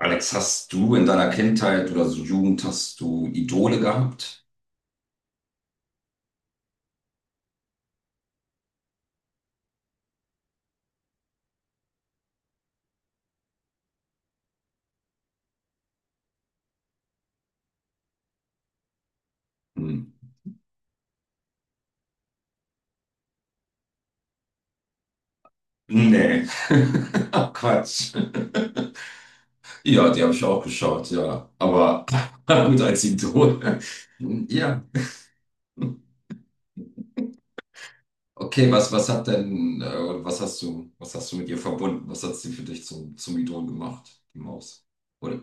Alex, hast du in deiner Kindheit oder so Jugend, hast du Idole gehabt? Hm. Nee. Ach, Quatsch. Ja, die habe ich auch geschaut, ja. Aber gut als Idol. Ja. Okay, was, was hat denn, oder was hast du mit ihr verbunden? Was hat sie für dich zum, zum Idol gemacht, die Maus? Oder?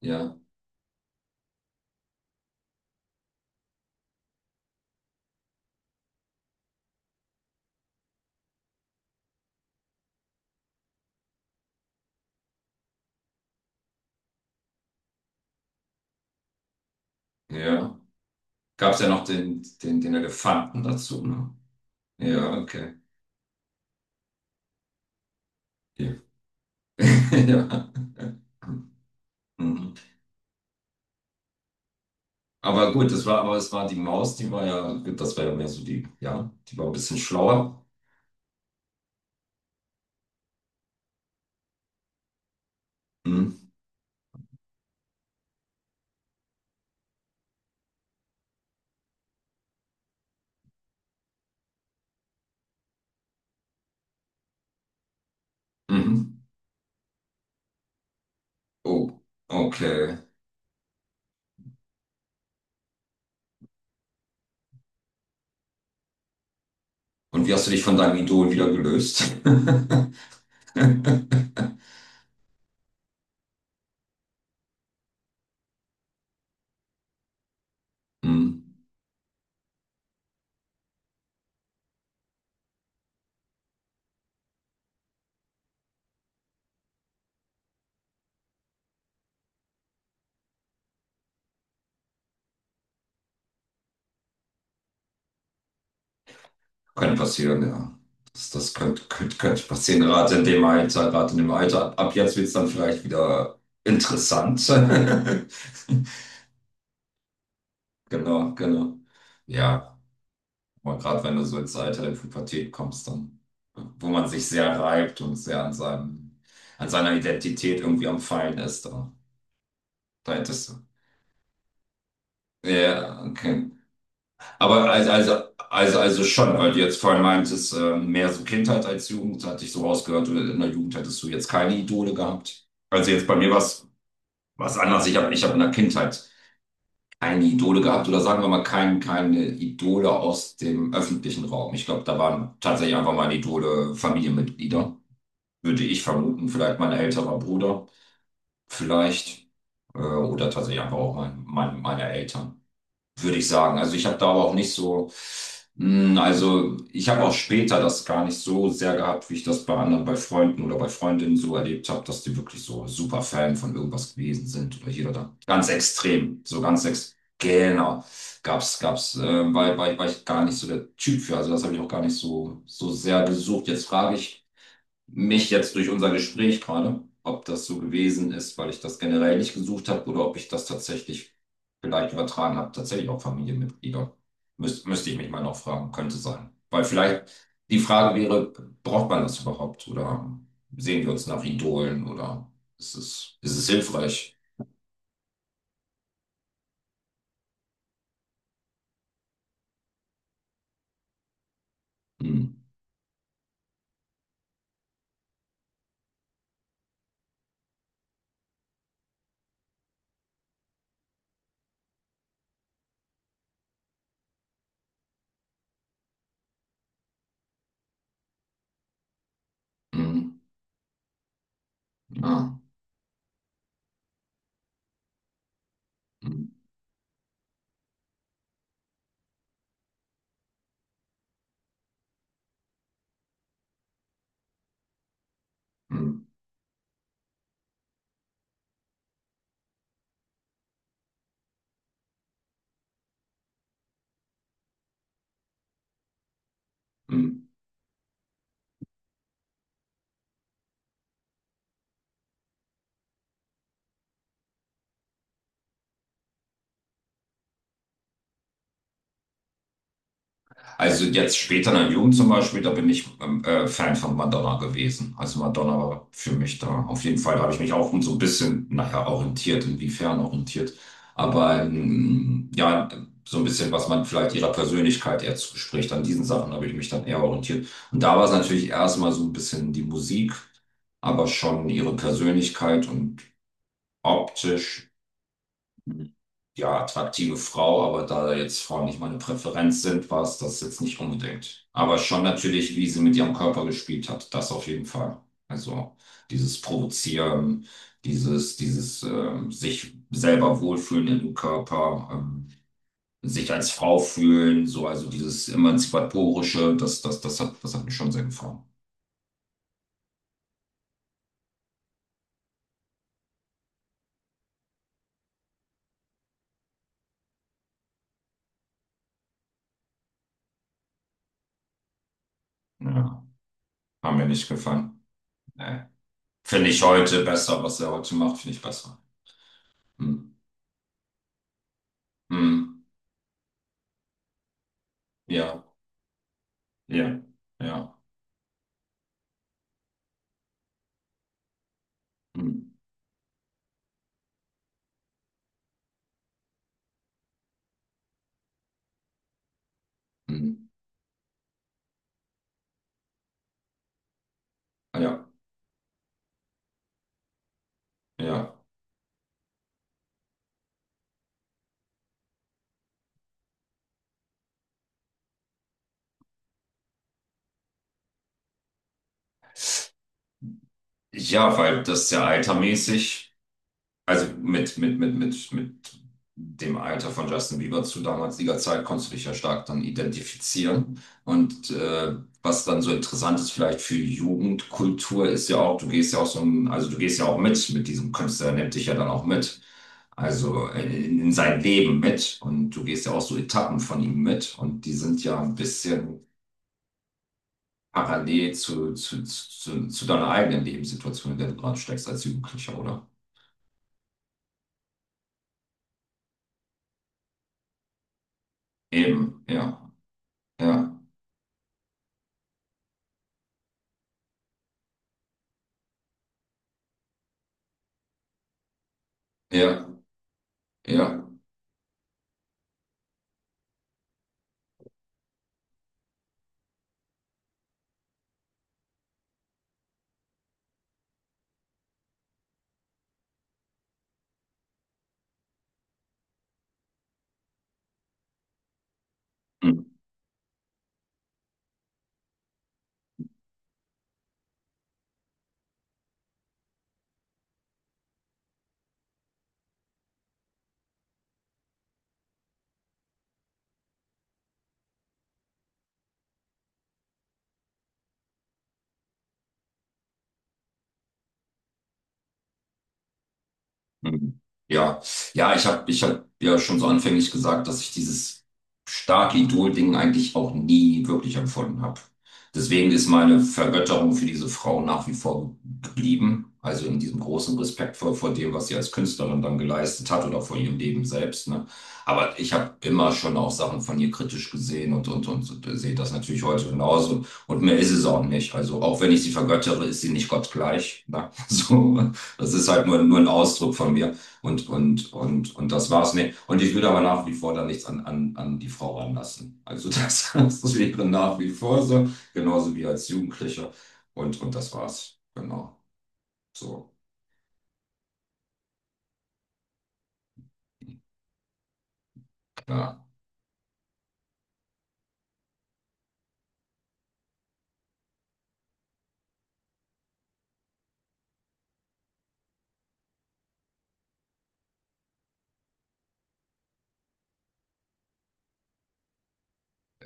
Ja. Ja. Gab es ja noch den, den, den Elefanten dazu, ne? Ja, okay. Ja. Ja. Mhm. Aber gut, das war, aber es war die Maus, die war ja, das war ja mehr so die, ja, die war ein bisschen schlauer. Mhm. Mhm. Oh, okay. Und wie hast du dich von deinem Idol wieder gelöst? Mhm. Könnte passieren, ja. Das, das könnte, könnte, könnte passieren, gerade in dem Alter, gerade in dem Alter. Ab, ab jetzt wird es dann vielleicht wieder interessant. Genau, genau. Ja. Aber gerade wenn du so ins Alter der Pubertät kommst, dann, wo man sich sehr reibt und sehr an seinem, an seiner Identität irgendwie am Feilen ist, da, da hättest du. Ja, okay. Aber also schon, weil du jetzt vorhin meintest, mehr so Kindheit als Jugend, hatte ich so rausgehört, du- in der Jugend hättest du jetzt keine Idole gehabt. Also jetzt bei mir war es was anders. Ich hab in der Kindheit keine Idole gehabt oder sagen wir mal kein, keine Idole aus dem öffentlichen Raum. Ich glaube, da waren tatsächlich einfach meine Idole Familienmitglieder. Würde ich vermuten, vielleicht mein älterer Bruder, vielleicht, oder tatsächlich einfach auch mein, mein, meine Eltern, würde ich sagen. Also ich habe da aber auch nicht so, also ich habe auch später das gar nicht so sehr gehabt, wie ich das bei anderen, bei Freunden oder bei Freundinnen so erlebt habe, dass die wirklich so super Fan von irgendwas gewesen sind oder jeder da. Ganz extrem, so ganz extrem. Genau, gab's, gab's, äh, war ich gar nicht so der Typ für, also das habe ich auch gar nicht so, so sehr gesucht. Jetzt frage ich, mich jetzt durch unser Gespräch gerade, ob das so gewesen ist, weil ich das generell nicht gesucht habe oder ob ich das tatsächlich vielleicht übertragen habe, tatsächlich auch Familienmitglieder. Müsste ich mich mal noch fragen, könnte sein. Weil vielleicht die Frage wäre, braucht man das überhaupt oder sehen wir uns nach Idolen oder ist es hilfreich? Hm, hm, ja, hm, hm, hm. Also jetzt später in der Jugend zum Beispiel, da bin ich Fan von Madonna gewesen. Also Madonna war für mich da. Auf jeden Fall da habe ich mich auch so ein bisschen, naja, orientiert, inwiefern orientiert. Aber ja, so ein bisschen, was man vielleicht ihrer Persönlichkeit eher zuspricht. An diesen Sachen habe ich mich dann eher orientiert. Und da war es natürlich erstmal so ein bisschen die Musik, aber schon ihre Persönlichkeit und optisch ja, attraktive Frau, aber da jetzt Frauen nicht meine Präferenz sind, war es das jetzt nicht unbedingt. Aber schon natürlich, wie sie mit ihrem Körper gespielt hat, das auf jeden Fall. Also dieses Provozieren, dieses sich selber wohlfühlen im Körper, sich als Frau fühlen, so also dieses Emanzipatorische, das hat mir schon sehr gefallen. Ja, hat mir nicht gefallen. Nee. Finde ich heute besser, was er heute macht, finde ich besser. Hm. Hm. Ja, ja, ja. Hm, hm. Ja, ja. Ja, weil das ja altermäßig, also mit dem Alter von Justin Bieber zu damaliger Zeit konntest du dich ja stark dann identifizieren. Und was dann so interessant ist, vielleicht für Jugendkultur, ist ja auch, du gehst ja auch so, ein- also du gehst ja auch mit diesem Künstler, der nimmt dich ja dann auch mit. Also in sein Leben mit. Und du gehst ja auch so Etappen von ihm mit. Und die sind ja ein bisschen parallel zu deiner eigenen Lebenssituation, in der du gerade steckst als Jugendlicher, oder? Eben, ja, ja, ja, ja. Hm. Mhm. Ja, ja, ich hab ja schon so anfänglich gesagt, dass ich dieses starke Idol-Ding eigentlich auch nie wirklich empfunden habe. Deswegen ist meine Vergötterung für diese Frau nach wie vor geblieben. Also in diesem großen Respekt vor, vor dem, was sie als Künstlerin dann geleistet hat oder vor ihrem Leben selbst. Ne? Aber ich habe immer schon auch Sachen von ihr kritisch gesehen sehe das natürlich heute genauso. Und mehr ist es auch nicht. Also auch wenn ich sie vergöttere, ist sie nicht gottgleich. Ne? So, das ist halt nur, nur ein Ausdruck von mir. Und das war's. Nee. Und ich will aber nach wie vor da nichts an, an, an die Frau ranlassen. Also das, das wäre nach wie vor so, genauso wie als Jugendlicher. Und das war's. Genau. So. Ja,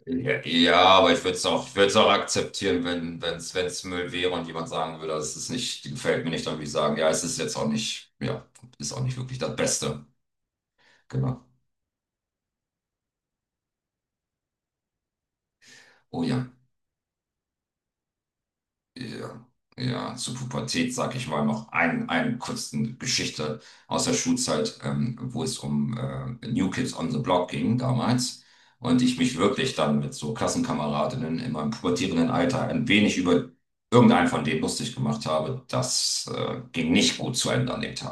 ja, ja, aber ich würde es auch, ich würde es auch akzeptieren, wenn, wenn's Müll wäre und jemand sagen würde, das ist nicht, gefällt mir nicht, dann würde ich sagen, ja, es ist jetzt auch nicht, ja, ist auch nicht wirklich das Beste. Genau. Oh ja. Ja, ja, zur Pubertät sage ich mal noch eine kurzen Geschichte aus der Schulzeit, wo es um New Kids on the Block ging damals. Und ich mich wirklich dann mit so Klassenkameradinnen in meinem pubertierenden Alter ein wenig über irgendeinen von denen lustig gemacht habe. Das ging nicht gut zu Ende an dem Tag.